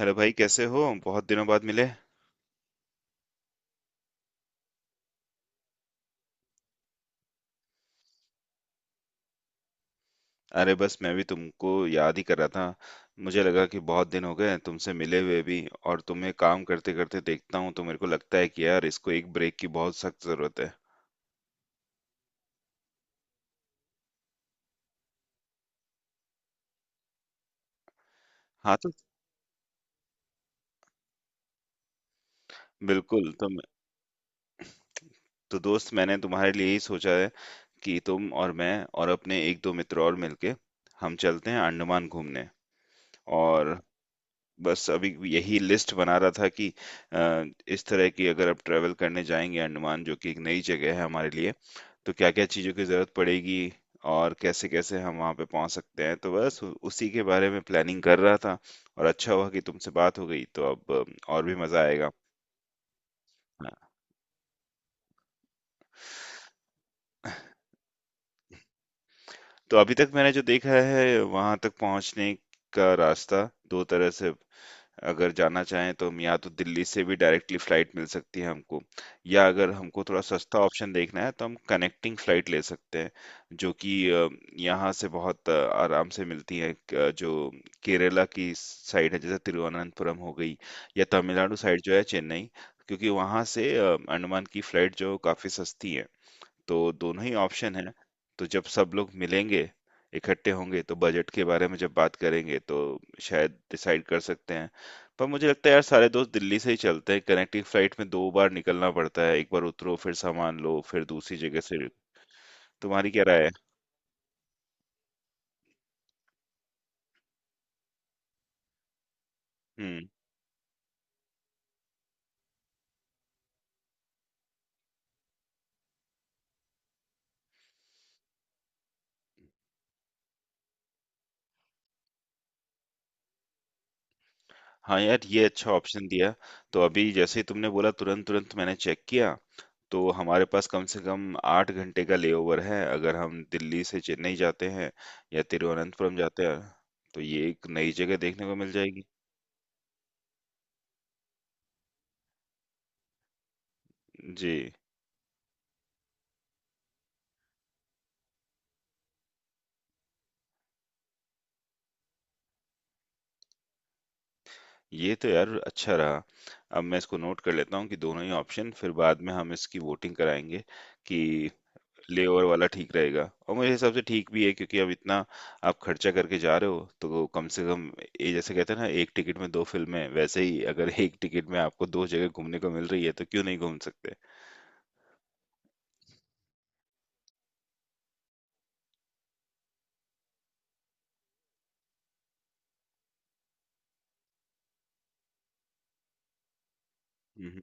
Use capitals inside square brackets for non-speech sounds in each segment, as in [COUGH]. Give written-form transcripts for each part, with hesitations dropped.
Hello भाई, कैसे हो? बहुत दिनों बाद मिले। अरे बस, मैं भी तुमको याद ही कर रहा था। मुझे लगा कि बहुत दिन हो गए हैं तुमसे मिले हुए भी। और तुम्हें काम करते करते देखता हूँ तो मेरे को लगता है कि यार, इसको एक ब्रेक की बहुत सख्त जरूरत है। हाँ तो, बिल्कुल। तो दोस्त, मैंने तुम्हारे लिए ही सोचा है कि तुम और मैं और अपने एक दो मित्र और मिलके हम चलते हैं अंडमान घूमने। और बस अभी यही लिस्ट बना रहा था कि अ, इस तरह की, अगर आप ट्रेवल करने जाएंगे अंडमान, जो कि एक नई जगह है हमारे लिए, तो क्या क्या चीज़ों की ज़रूरत पड़ेगी और कैसे कैसे हम वहाँ पे पहुँच सकते हैं, तो बस उसी के बारे में प्लानिंग कर रहा था। और अच्छा हुआ कि तुमसे बात हो गई, तो अब और भी मज़ा आएगा। हाँ, तो अभी तक मैंने जो देखा है, वहाँ तक पहुँचने का रास्ता दो तरह से, अगर जाना चाहें तो हम, या तो दिल्ली से भी डायरेक्टली फ्लाइट मिल सकती है हमको, या अगर हमको थोड़ा सस्ता ऑप्शन देखना है तो हम कनेक्टिंग फ्लाइट ले सकते हैं, जो कि यहाँ से बहुत आराम से मिलती है, जो केरला की साइड है जैसे तिरुवनंतपुरम हो गई, या तमिलनाडु साइड जो है चेन्नई। क्योंकि वहाँ से अंडमान की फ्लाइट जो काफ़ी सस्ती है, तो दोनों ही ऑप्शन है। तो जब सब लोग मिलेंगे, इकट्ठे होंगे तो बजट के बारे में जब बात करेंगे तो शायद डिसाइड कर सकते हैं। पर मुझे लगता है यार, सारे दोस्त दिल्ली से ही चलते हैं। कनेक्टिंग फ्लाइट में दो बार निकलना पड़ता है, एक बार उतरो, फिर सामान लो, फिर दूसरी जगह से। तुम्हारी क्या राय है? हम्म। हाँ यार, ये अच्छा ऑप्शन दिया। तो अभी जैसे ही तुमने बोला, तुरंत तुरंत मैंने चेक किया, तो हमारे पास कम से कम 8 घंटे का लेओवर है, अगर हम दिल्ली से चेन्नई जाते हैं या तिरुवनंतपुरम जाते हैं। तो ये एक नई जगह देखने को मिल जाएगी। जी। ये तो यार, अच्छा रहा। अब मैं इसको नोट कर लेता हूँ कि दोनों ही ऑप्शन, फिर बाद में हम इसकी वोटिंग कराएंगे कि लेओवर वाला ठीक रहेगा। और मेरे हिसाब से ठीक भी है क्योंकि अब इतना आप खर्चा करके जा रहे हो, तो कम से कम ये जैसे कहते हैं ना, एक टिकट में दो फिल्में, वैसे ही अगर एक टिकट में आपको दो जगह घूमने को मिल रही है, तो क्यों नहीं घूम सकते। हम्म।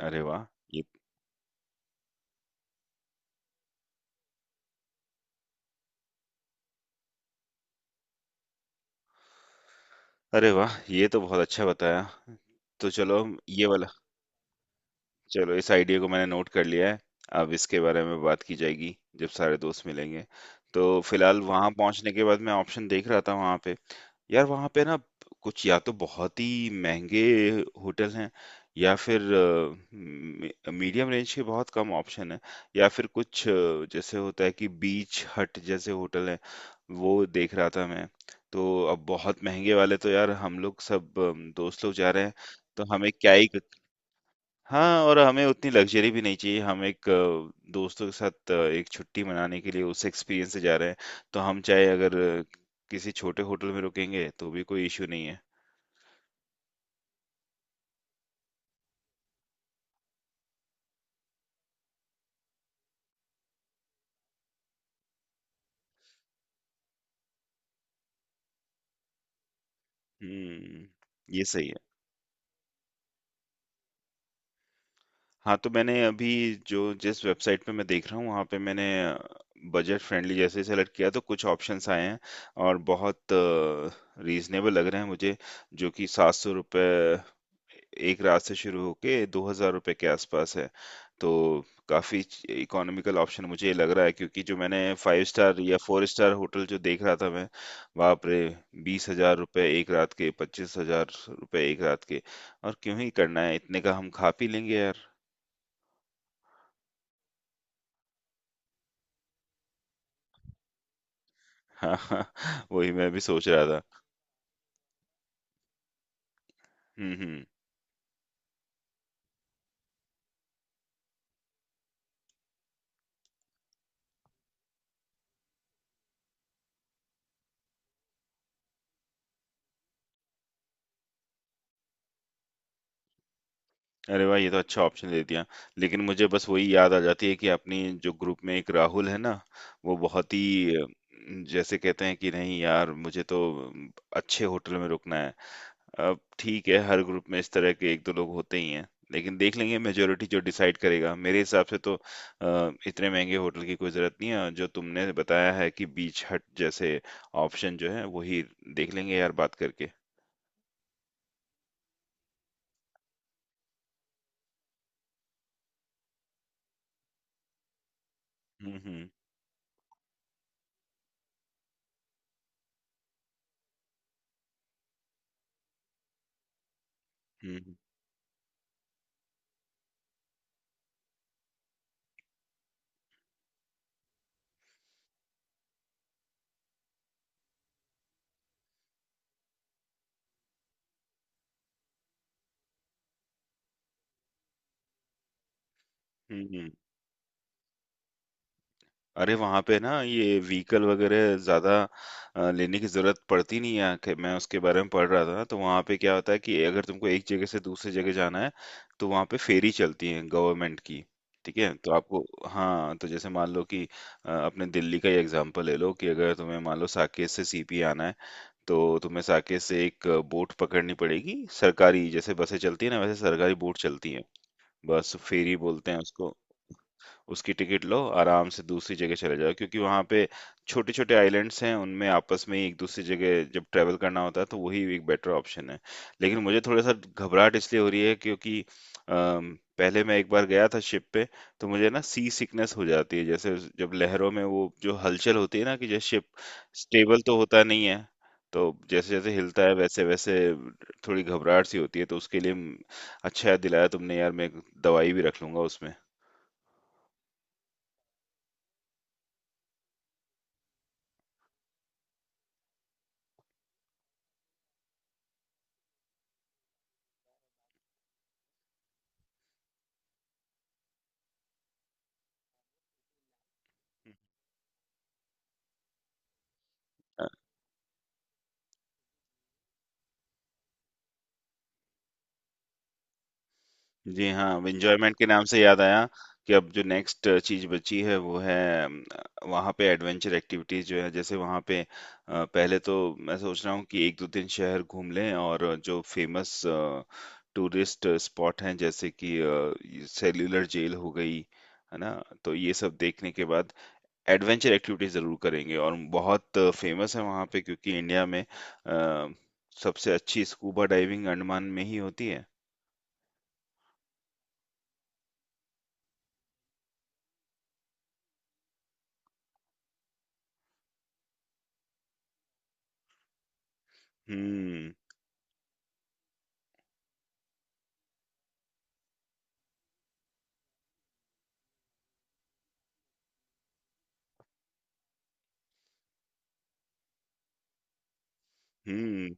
अरे वाह! ये अरे वाह! ये तो बहुत अच्छा बताया। तो चलो हम ये वाला चलो, इस आइडिया को मैंने नोट कर लिया है। अब इसके बारे में बात की जाएगी जब सारे दोस्त मिलेंगे। तो फिलहाल वहाँ पहुँचने के बाद मैं ऑप्शन देख रहा था वहाँ पे। यार, वहाँ पे ना, कुछ या तो बहुत ही महंगे होटल हैं, या फिर मीडियम रेंज के बहुत कम ऑप्शन है, या फिर कुछ जैसे होता है कि बीच हट जैसे होटल है, वो देख रहा था मैं। तो अब बहुत महंगे वाले तो यार, हम लोग सब दोस्त लोग जा रहे हैं, तो हमें क्या ही। हाँ, और हमें उतनी लग्ज़री भी नहीं चाहिए। हम एक दोस्तों के साथ एक छुट्टी मनाने के लिए उस एक्सपीरियंस से जा रहे हैं, तो हम चाहे अगर किसी छोटे होटल में रुकेंगे, तो भी कोई इश्यू नहीं है। हुँ, ये सही है। हाँ, तो मैंने अभी जो जिस वेबसाइट पे मैं देख रहा हूँ, वहाँ पे मैंने बजट फ्रेंडली जैसे ही सेलेक्ट किया तो कुछ ऑप्शंस आए हैं, और बहुत रीजनेबल लग रहे हैं मुझे। जो कि 700 रुपये एक रात से शुरू होके 2,000 रुपये के आसपास है। तो काफ़ी इकोनॉमिकल ऑप्शन मुझे ये लग रहा है क्योंकि जो मैंने फाइव स्टार या फोर स्टार होटल जो देख रहा था मैं, बाप रे! 20,000 रुपये एक रात के, 25,000 रुपये एक रात के। और क्यों ही करना है इतने का, हम खा पी लेंगे यार। हाँ हाँ, [LAUGHS] वही मैं भी सोच रहा था। हम्म। अरे वाह, ये तो अच्छा ऑप्शन दे दिया। लेकिन मुझे बस वही याद आ जाती है कि अपनी जो ग्रुप में एक राहुल है ना, वो बहुत ही जैसे कहते हैं कि, नहीं यार, मुझे तो अम, अच्छे होटल में रुकना है। अब ठीक है, हर ग्रुप में इस तरह के एक दो लोग होते ही हैं। लेकिन देख लेंगे, मेजोरिटी जो डिसाइड करेगा। मेरे हिसाब से तो इतने महंगे होटल की कोई जरूरत नहीं है। जो तुमने बताया है कि बीच हट जैसे ऑप्शन जो है, वही देख लेंगे यार बात करके। हम्म हम्म हम्म। हुँ। अरे, वहाँ पे ना, ये व्हीकल वगैरह ज़्यादा लेने की ज़रूरत पड़ती नहीं है, कि मैं उसके बारे में पढ़ रहा था, तो वहाँ पे क्या होता है कि अगर तुमको एक जगह से दूसरी जगह जाना है, तो वहाँ पे फेरी चलती है गवर्नमेंट की, ठीक है? तो आपको, हाँ, तो जैसे मान लो कि अपने दिल्ली का ही एग्ज़ाम्पल ले लो, कि अगर तुम्हें मान लो साकेत से सीपी आना है, तो तुम्हें साकेत से एक बोट पकड़नी पड़ेगी सरकारी, जैसे बसें चलती हैं ना, वैसे सरकारी बोट चलती हैं। बस फेरी बोलते हैं उसको। उसकी टिकट लो, आराम से दूसरी जगह चले जाओ, क्योंकि वहाँ पे छोटे छोटे आइलैंड्स हैं, उनमें आपस में ही एक दूसरी जगह जब ट्रैवल करना होता है तो वही एक बेटर ऑप्शन है। लेकिन मुझे थोड़ा सा घबराहट इसलिए हो रही है क्योंकि पहले मैं एक बार गया था शिप पे। तो मुझे ना, सी सिकनेस हो जाती है, जैसे जब लहरों में वो जो हलचल होती है ना, कि जैसे शिप स्टेबल तो होता नहीं है, तो जैसे जैसे हिलता है वैसे वैसे थोड़ी घबराहट सी होती है। तो उसके लिए अच्छा याद दिलाया तुमने यार, मैं एक दवाई भी रख लूंगा उसमें। जी हाँ, एंजॉयमेंट के नाम से याद आया कि अब जो नेक्स्ट चीज बची है, वो है अम, वहाँ पे एडवेंचर एक्टिविटीज जो है जैसे वहाँ पे, पहले तो मैं सोच रहा हूँ कि एक दो दिन शहर घूम लें और जो फेमस टूरिस्ट स्पॉट हैं जैसे कि सेल्यूलर जेल हो गई, है ना? तो ये सब देखने के बाद एडवेंचर एक्टिविटीज जरूर करेंगे। और बहुत फेमस है वहाँ पे क्योंकि इंडिया में सबसे अच्छी स्कूबा डाइविंग अंडमान में ही होती है। हम्म हम्म।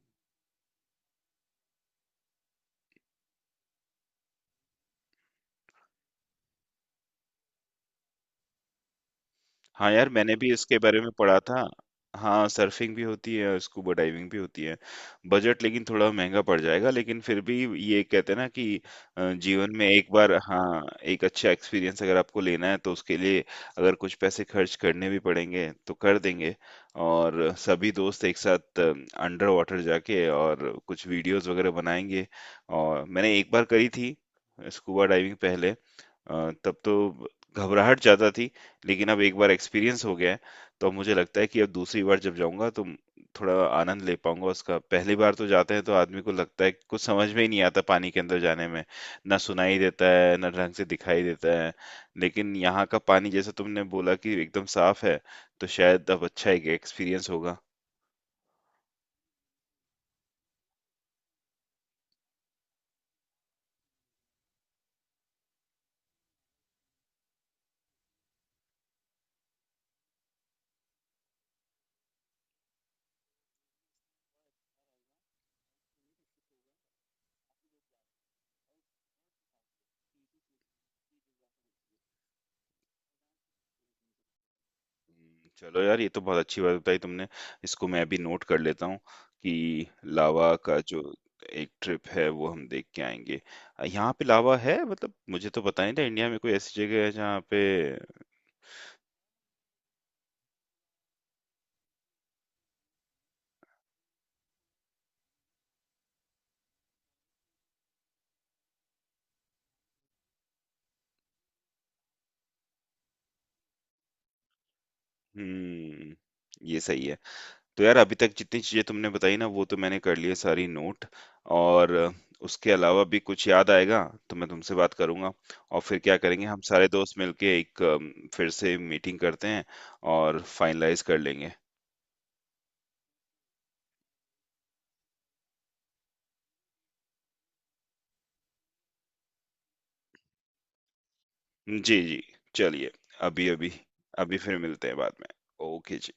हाँ यार, मैंने भी इसके बारे में पढ़ा था। हाँ, सर्फिंग भी होती है और स्कूबा डाइविंग भी होती है। बजट लेकिन थोड़ा महंगा पड़ जाएगा, लेकिन फिर भी, ये कहते हैं ना कि जीवन में एक बार, हाँ, एक अच्छा एक्सपीरियंस अगर आपको लेना है तो उसके लिए अगर कुछ पैसे खर्च करने भी पड़ेंगे तो कर देंगे। और सभी दोस्त एक साथ अंडर वाटर जाके और कुछ वीडियोस वगैरह बनाएंगे। और मैंने एक बार करी थी स्कूबा डाइविंग पहले, तब तो घबराहट ज्यादा थी। लेकिन अब एक बार एक्सपीरियंस हो गया है, तो अब मुझे लगता है कि अब दूसरी बार जब जाऊंगा तो थोड़ा आनंद ले पाऊंगा उसका। पहली बार तो जाते हैं तो आदमी को लगता है कि कुछ समझ में ही नहीं आता पानी के अंदर जाने में, ना सुनाई देता है ना ढंग से दिखाई देता है। लेकिन यहाँ का पानी, जैसा तुमने बोला कि एकदम साफ है, तो शायद अब अच्छा एक एक्सपीरियंस होगा। चलो यार, ये तो बहुत अच्छी बात बताई तुमने। इसको मैं भी नोट कर लेता हूँ कि लावा का जो एक ट्रिप है, वो हम देख के आएंगे। यहाँ पे लावा है, मतलब मुझे तो पता नहीं था इंडिया में कोई ऐसी जगह है जहाँ पे। हम्म ये सही है। तो यार, अभी तक जितनी चीजें तुमने बताई ना, वो तो मैंने कर लिए सारी नोट। और उसके अलावा भी कुछ याद आएगा तो मैं तुमसे बात करूंगा। और फिर क्या करेंगे, हम सारे दोस्त मिलके एक फिर से मीटिंग करते हैं और फाइनलाइज कर लेंगे। जी, जी। चलिए, अभी-अभी अभी अभी फिर मिलते हैं बाद में। ओके जी।